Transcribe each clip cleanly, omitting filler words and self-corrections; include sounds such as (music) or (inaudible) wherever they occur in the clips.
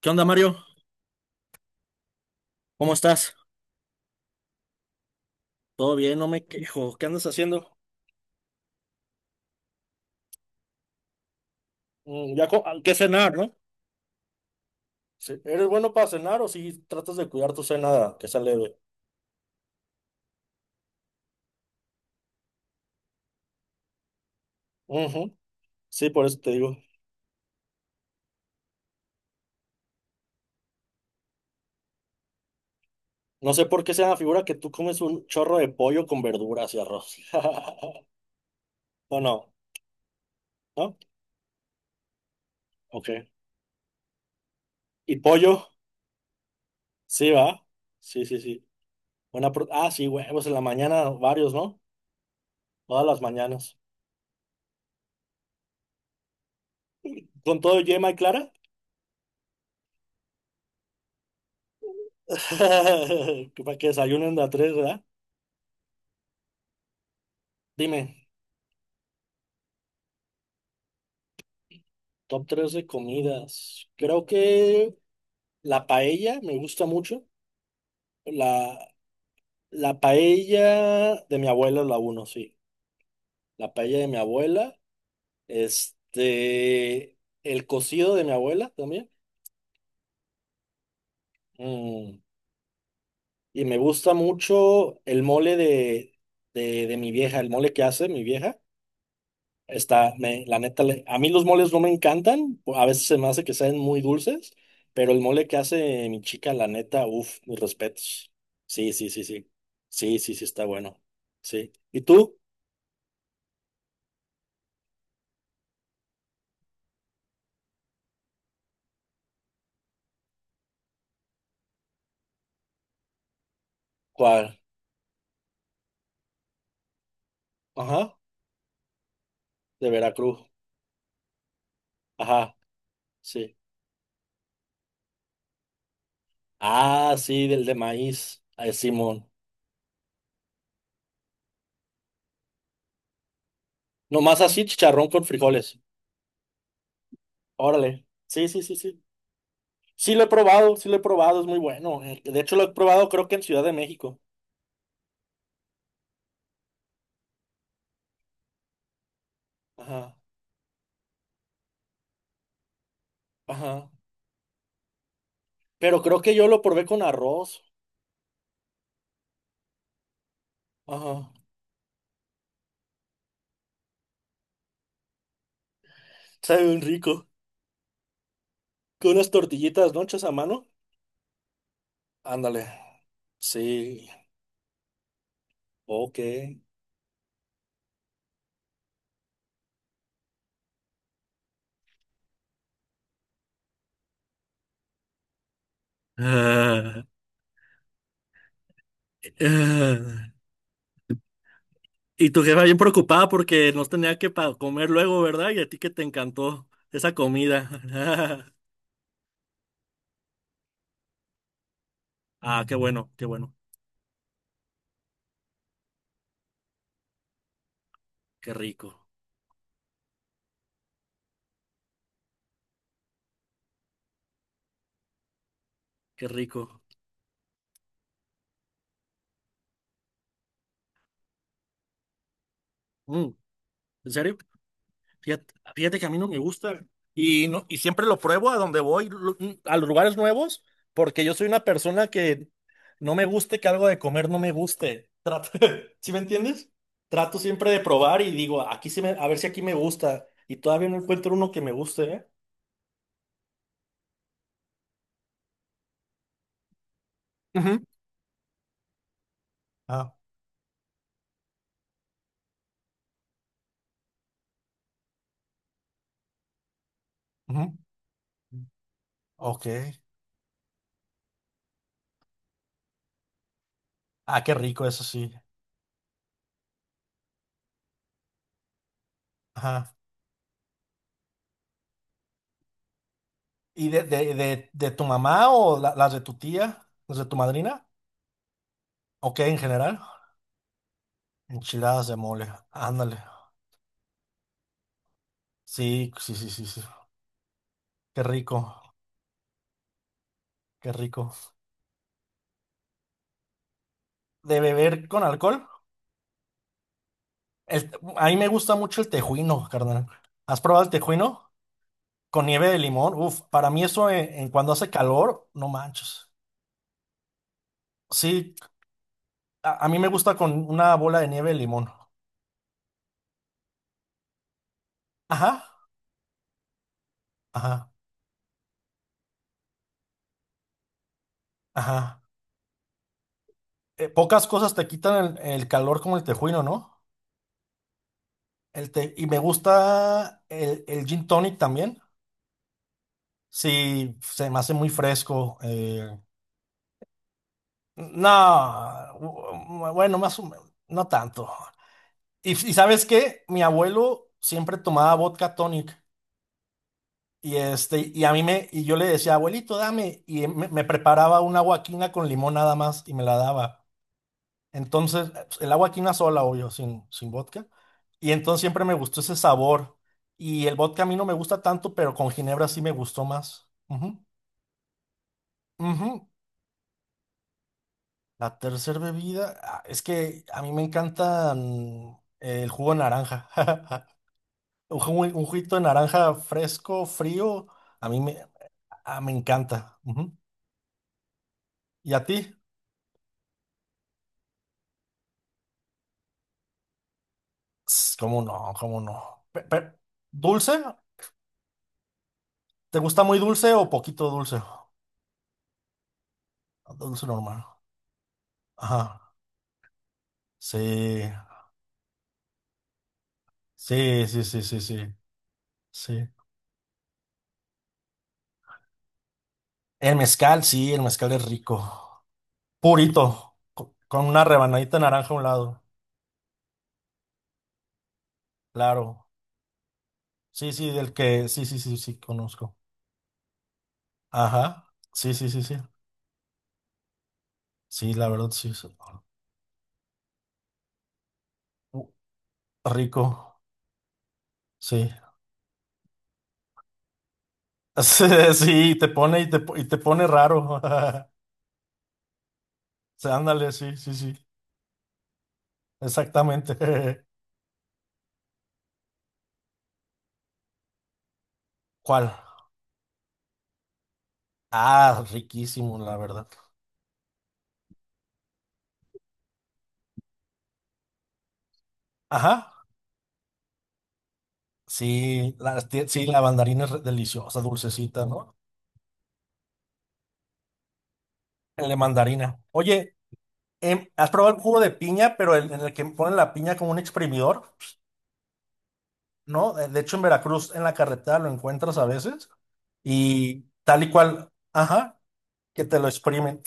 ¿Qué onda, Mario? ¿Cómo estás? ¿Todo bien? No me quejo. ¿Qué andas haciendo? Mm, ya ¿qué cenar, no? Sí, ¿eres bueno para cenar o si tratas de cuidar tu cena que sea leve? Ujú, sí, por eso te digo. No sé por qué se me figura que tú comes un chorro de pollo con verduras y arroz. (laughs) No, no, ¿no? Ok. ¿Y pollo? Sí, va. Sí, sí, sí. Sí, huevos en la mañana, varios, ¿no? Todas las mañanas. ¿Con todo yema y clara? (laughs) Para que desayunen de a tres, ¿verdad? Dime. Top 3 de comidas. Creo que la paella me gusta mucho. La, la paella de mi abuela es la uno, sí. La paella de mi abuela. Este, el cocido de mi abuela también. Mm, y me gusta mucho el mole de mi vieja, el mole que hace mi vieja. La neta, a mí los moles no me encantan, a veces se me hace que sean muy dulces, pero el mole que hace mi chica, la neta, uff, mis respetos. Sí, sí, sí, sí. Sí, sí, sí, está bueno. Sí. ¿Y tú? ¿Cuál? Ajá, de Veracruz. Ajá, sí. Ah, sí, del de maíz. Ay, Simón. Nomás así, chicharrón con frijoles. Órale. Sí, sí, sí, sí. Sí lo he probado, sí lo he probado, es muy bueno. De hecho, lo he probado creo que en Ciudad de México. Ajá, ajá. Pero creo que yo lo probé con arroz. Ajá. Sabe bien rico. Con unas tortillitas, ¿no? Hechas a mano. Ándale. Sí. Ok. Ah, ah. Y tu jefa bien preocupada porque no tenía que comer luego, ¿verdad? Y a ti que te encantó esa comida. (laughs) Ah, qué bueno, qué bueno, qué rico, qué rico. Mm, ¿en serio? Fíjate, fíjate que a mí no me gusta y, no, y siempre lo pruebo a donde voy, a los lugares nuevos, porque yo soy una persona que no me guste que algo de comer no me guste. Trato, (laughs) ¿sí me entiendes? Trato siempre de probar y digo, aquí sí me, a ver si aquí me gusta y todavía no encuentro uno que me guste, ¿eh? Ujú. Ah, ujú. Ok. Ah, qué rico, eso sí. Ajá. ¿Y de tu mamá o las de tu tía? ¿Las de tu madrina? Ok, en general. Enchiladas de mole. Ándale. Sí, sí, sí, sí, sí. Qué rico, qué rico. ¿De beber con alcohol? El- a mí me gusta mucho el tejuino, carnal. ¿Has probado el tejuino? Con nieve de limón. Uf, para mí eso en cuando hace calor, no manches. Sí, a mí me gusta con una bola de nieve de limón. Ajá, ajá, ajá. Pocas cosas te quitan el calor como el tejuino, ¿no? Y me gusta el gin tonic también. Sí, se me hace muy fresco. No, bueno, más o menos, no tanto. Y ¿sabes qué? Mi abuelo siempre tomaba vodka tonic y a mí me y yo le decía, "Abuelito, dame" y me preparaba una agua quina con limón nada más y me la daba. Entonces, el agua quina sola, obvio, sin vodka. Y entonces siempre me gustó ese sabor y el vodka a mí no me gusta tanto, pero con ginebra sí me gustó más. Ujú, ujú. La tercera bebida, ah, es que a mí me encanta mm, el jugo de naranja. (laughs) Un, un juguito de naranja fresco, frío, a mí me, ah, me encanta. Ujú. ¿Y a ti? Ts, ¿cómo no? ¿Cómo no? ¿Dulce? ¿Te gusta muy dulce o poquito dulce? Dulce normal. Ajá. Sí. Sí, sí, sí, sí, sí. Sí. El mezcal, sí, el mezcal es rico. Purito, con una rebanadita de naranja a un lado. Claro. Sí, sí, del que, sí, sí, sí, sí, conozco. Ajá, sí, sí, sí, sí. Sí, la verdad, sí. sí. Uh, rico, sí. (laughs) Sí, sí, te pone y te, y te pone raro. (laughs) Sí, ándale, sí, sí, sí, exactamente. (laughs) ¿Cuál? Ah, riquísimo, la verdad. Ajá, sí, sí, la mandarina es deliciosa, dulcecita, ¿no? El de mandarina. Oye, ¿has probado el jugo de piña, pero el, en el que ponen la piña como un exprimidor? ¿No? De hecho, en Veracruz, en la carretera lo encuentras a veces y tal y cual, ajá, que te lo exprimen.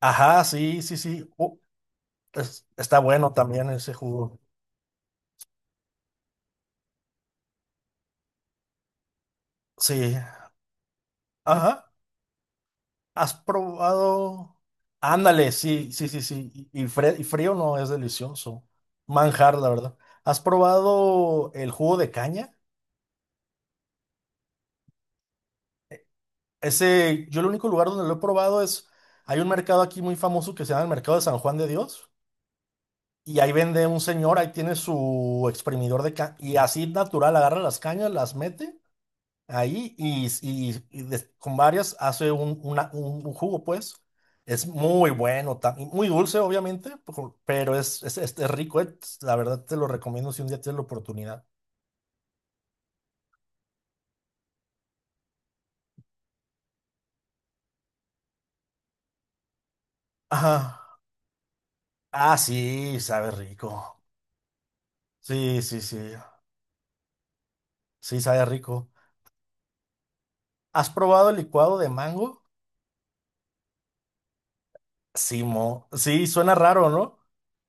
Ajá, sí, sí, sí. Está bueno también ese jugo. Sí, ajá. ¿Has probado? Ándale, sí, sí, sí, sí. Y y frío no es delicioso. Manjar, la verdad. ¿Has probado el jugo de caña? Ese, yo el único lugar donde lo he probado es, hay un mercado aquí muy famoso que se llama el Mercado de San Juan de Dios. Y ahí vende un señor, ahí tiene su exprimidor de caña. Y así natural, agarra las cañas, las mete ahí y, y con varias hace un jugo, pues. Es muy bueno, y muy dulce, obviamente, pero es rico, eh. La verdad te lo recomiendo si un día tienes la oportunidad. Ajá. Ah, sí, sabe rico. Sí, sí, sí. Sí, sabe rico. ¿Has probado el licuado de mango? Sí, mo. Sí, suena raro, ¿no?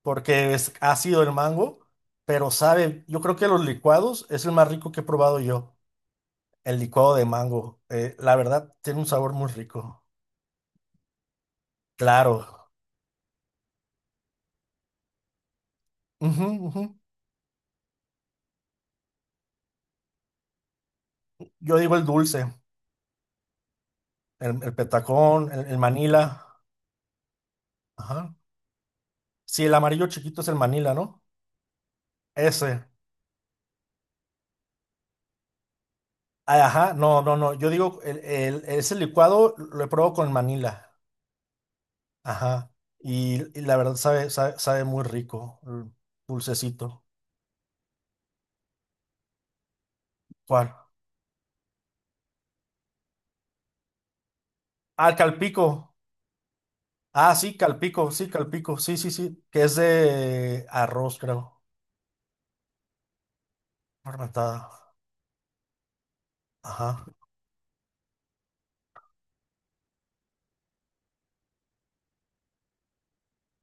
Porque es ácido el mango, pero sabe, yo creo que los licuados es el más rico que he probado yo, el licuado de mango. La verdad, tiene un sabor muy rico. Claro. Ujú, ujú. Yo digo el dulce, el petacón, el manila. Ajá. Sí, el amarillo chiquito es el manila, ¿no? Ese. Ah, ajá, no, no, no. Yo digo, ese licuado lo he probado con manila. Ajá. Y la verdad sabe, sabe, sabe muy rico, el dulcecito. ¿Cuál? Ah, calpico. Ah, sí, calpico, sí, calpico. Sí, sí, sí. Que es de arroz, creo. Fermentada. Ajá.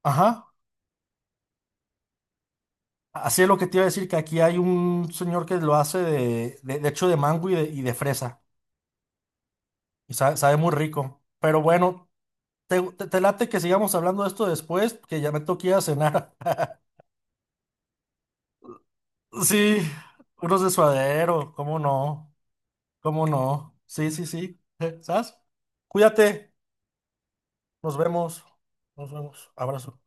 Ajá. Así es lo que te iba a decir, que aquí hay un señor que lo hace de hecho de mango y de fresa. Y sabe, sabe muy rico. Pero bueno, te late que sigamos hablando de esto después, que ya me toqué a cenar. (laughs) Sí, unos de suadero, ¿cómo no? ¿Cómo no? Sí, sí, sí. ¿Sabes? Cuídate. Nos vemos. Nos vemos. Abrazo.